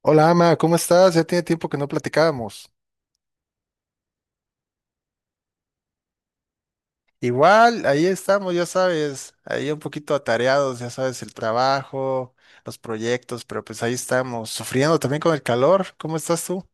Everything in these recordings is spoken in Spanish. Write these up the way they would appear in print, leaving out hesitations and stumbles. Hola, Ama, ¿cómo estás? Ya tiene tiempo que no platicábamos. Igual, ahí estamos, ya sabes, ahí un poquito atareados, ya sabes, el trabajo, los proyectos, pero pues ahí estamos, sufriendo también con el calor. ¿Cómo estás tú?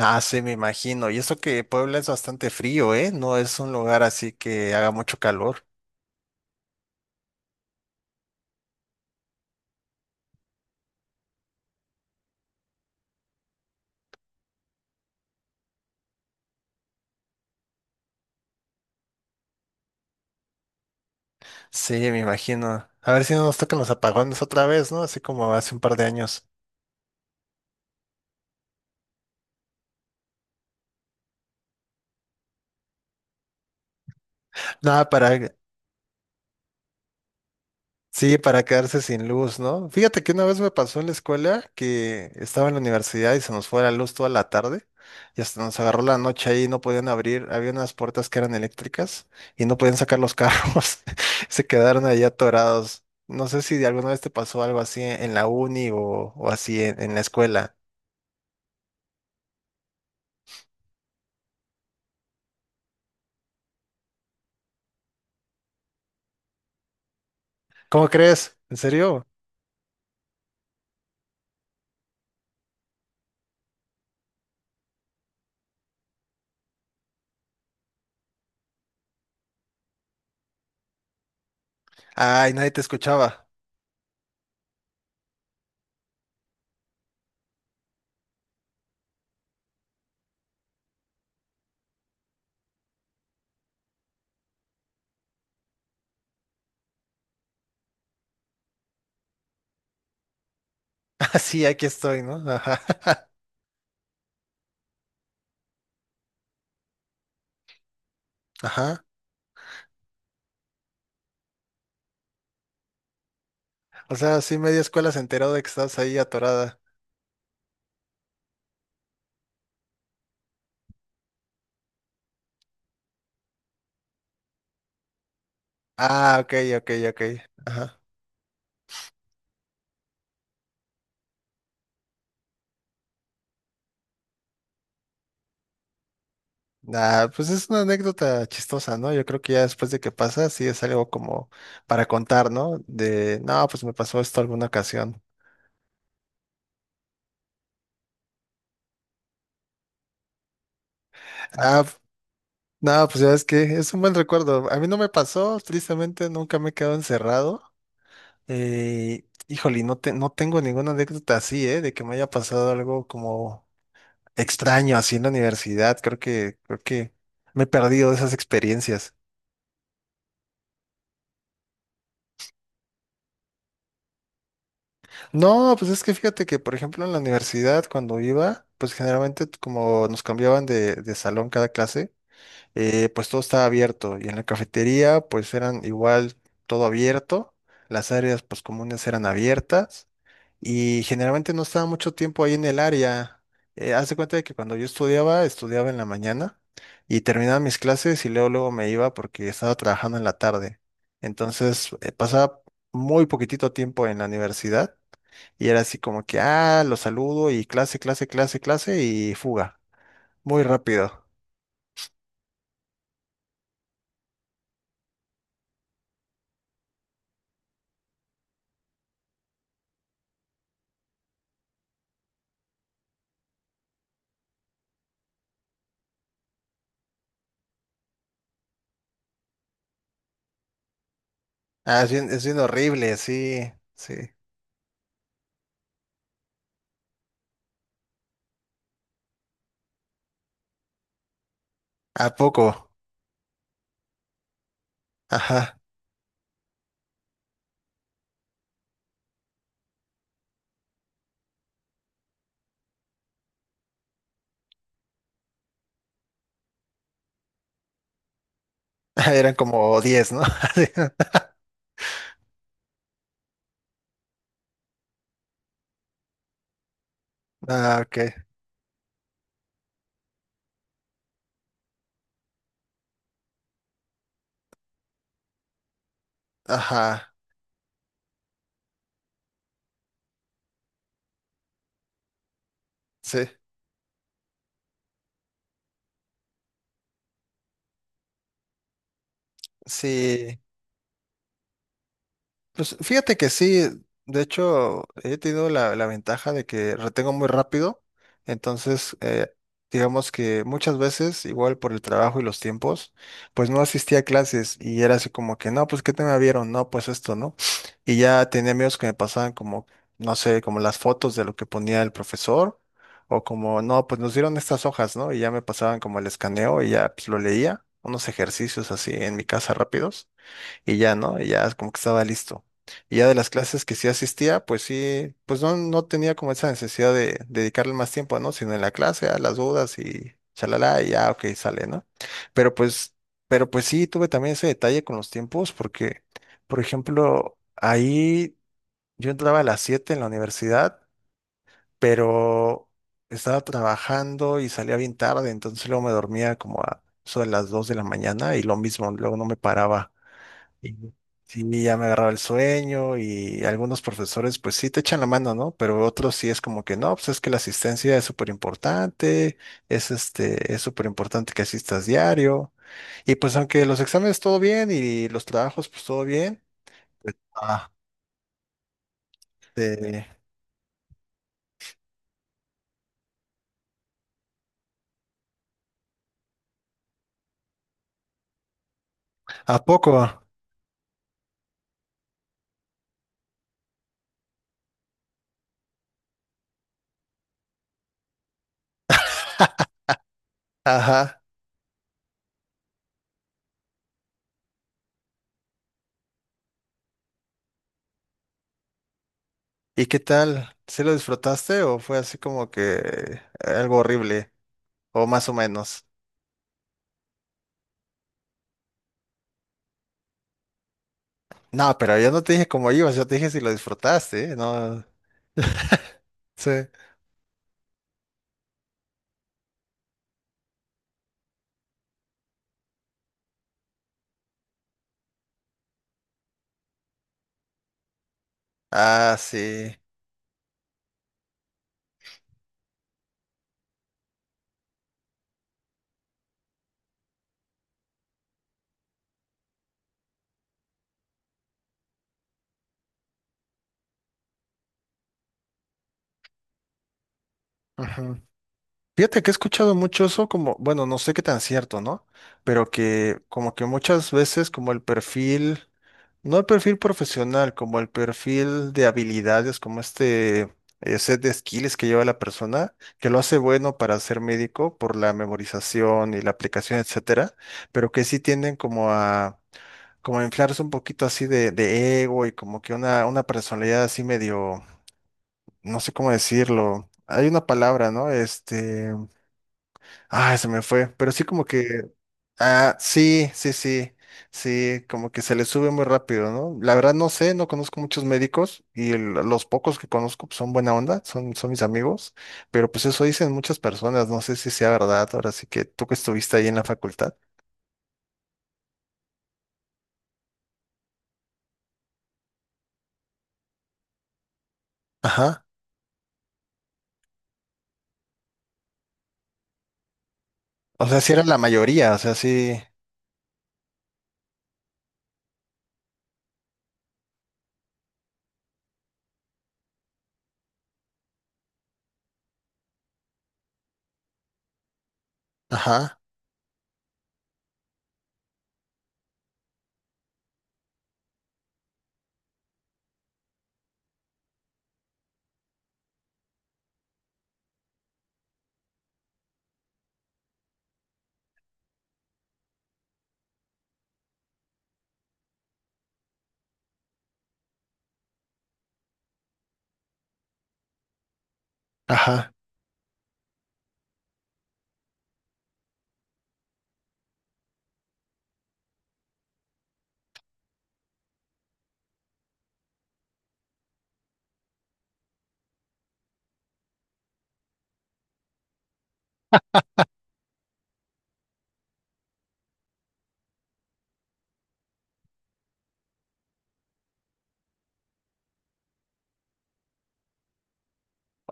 Ah, sí, me imagino. Y eso que Puebla es bastante frío, ¿eh? No es un lugar así que haga mucho calor. Sí, me imagino. A ver si no nos tocan los apagones otra vez, ¿no? Así como hace un par de años. Nada, para Sí, para quedarse sin luz, ¿no? Fíjate que una vez me pasó en la escuela que estaba en la universidad y se nos fue la luz toda la tarde y hasta nos agarró la noche ahí, no podían abrir, había unas puertas que eran eléctricas y no podían sacar los carros, se quedaron ahí atorados. No sé si de alguna vez te pasó algo así en la uni o así en la escuela. ¿Cómo crees? ¿En serio? Ay, nadie te escuchaba. Ah, sí, aquí estoy, ¿no? Ajá. Ajá. O sea, sí, media escuela se enteró de que estás ahí atorada. Ah, ok, ok, ok. Ajá. Ah, pues es una anécdota chistosa, ¿no? Yo creo que ya después de que pasa, sí es algo como para contar, ¿no? De, no, pues me pasó esto alguna ocasión. Ah, f- no, pues ya es que es un buen recuerdo. A mí no me pasó, tristemente nunca me he quedado encerrado. Híjole, no tengo ninguna anécdota así, ¿eh? De que me haya pasado algo como extraño así en la universidad. Creo que me he perdido de esas experiencias. No, pues es que fíjate que, por ejemplo, en la universidad, cuando iba, pues generalmente como nos cambiaban de salón cada clase, pues todo estaba abierto y en la cafetería pues eran igual todo abierto, las áreas pues comunes eran abiertas y generalmente no estaba mucho tiempo ahí en el área. Haz de cuenta de que cuando yo estudiaba, estudiaba en la mañana y terminaba mis clases y luego luego me iba porque estaba trabajando en la tarde. Entonces, pasaba muy poquitito tiempo en la universidad y era así como que, ah, lo saludo y clase, clase, clase, clase y fuga. Muy rápido. Es bien horrible, sí, sí. ¿A poco? Ajá. Eran como 10, ¿no? Ah, ok. Ajá. Sí, sí. Pues fíjate que sí, de hecho he tenido la ventaja de que retengo muy rápido, entonces digamos que muchas veces, igual por el trabajo y los tiempos, pues no asistía a clases y era así como que, no, pues ¿qué tema vieron? No, pues esto, ¿no? Y ya tenía amigos que me pasaban como, no sé, como las fotos de lo que ponía el profesor o como, no, pues nos dieron estas hojas, ¿no? Y ya me pasaban como el escaneo y ya pues lo leía, unos ejercicios así en mi casa rápidos y ya, ¿no? Y ya como que estaba listo. Y ya de las clases que sí asistía, pues sí, pues no tenía como esa necesidad de dedicarle más tiempo, ¿no? Sino en la clase, a las dudas y chalala, y ya, ok, sale, ¿no? Pero pues, pero pues sí, tuve también ese detalle con los tiempos, porque, por ejemplo, ahí yo entraba a las 7 en la universidad, pero estaba trabajando y salía bien tarde, entonces luego me dormía como a eso de las 2 de la mañana y lo mismo, luego no me paraba. Y sí, ya me agarraba el sueño y algunos profesores pues sí te echan la mano, ¿no? Pero otros sí es como que no, pues es que la asistencia es súper importante, es súper importante que asistas diario. Y pues aunque los exámenes todo bien y los trabajos pues todo bien. Ah, eh, ¿a poco? Ajá. ¿Y qué tal? ¿Sí lo disfrutaste o fue así como que algo horrible o más o menos? No, pero yo no te dije cómo ibas, yo te dije si lo disfrutaste, ¿eh? No, sí. Ah, sí. Ujú. Fíjate que he escuchado mucho eso como, bueno, no sé qué tan cierto, ¿no? Pero que como que muchas veces como el perfil, no el perfil profesional, como el perfil de habilidades, como este set de skills que lleva la persona, que lo hace bueno para ser médico por la memorización y la aplicación, etcétera, pero que sí tienden como a inflarse un poquito así de ego y como que una personalidad así medio no sé cómo decirlo. Hay una palabra, ¿no? Este, ah, se me fue, pero sí como que, ah, sí, sí, sí, sí, como que se le sube muy rápido, ¿no? La verdad no sé, no conozco muchos médicos y los pocos que conozco pues, son buena onda, son mis amigos, pero pues eso dicen muchas personas, no sé si sea verdad, ahora sí que tú que estuviste ahí en la facultad. Ajá. O sea, sí era la mayoría, o sea, sí, ajá, ajá.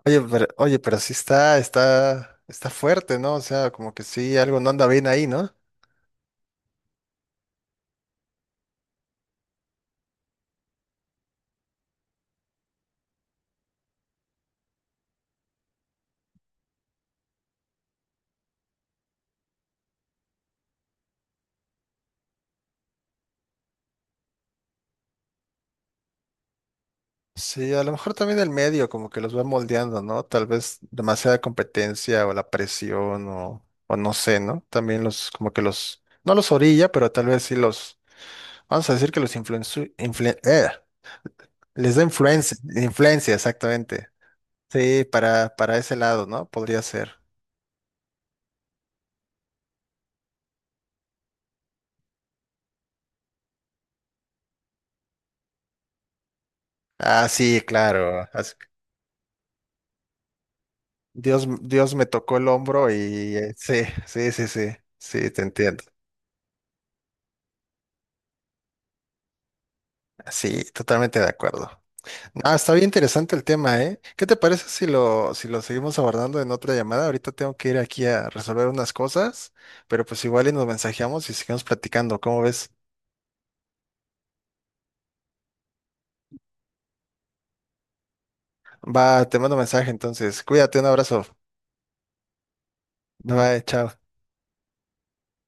Oye, pero sí está fuerte, ¿no? O sea, como que sí, algo no anda bien ahí, ¿no? Sí, a lo mejor también el medio, como que los va moldeando, ¿no? Tal vez demasiada competencia o la presión o no sé, ¿no? También los, como que los, no los orilla, pero tal vez sí los, vamos a decir que los les da influencia, influencia, exactamente. Sí, para ese lado, ¿no? Podría ser. Ah, sí, claro. Dios, Dios me tocó el hombro y sí, sí, sí, sí, sí, te entiendo. Sí, totalmente de acuerdo. Ah, está bien interesante el tema, ¿eh? ¿Qué te parece si lo seguimos abordando en otra llamada? Ahorita tengo que ir aquí a resolver unas cosas, pero pues igual y nos mensajeamos y seguimos platicando, ¿cómo ves? Va, te mando mensaje entonces. Cuídate, un abrazo. Bye, bye, chao.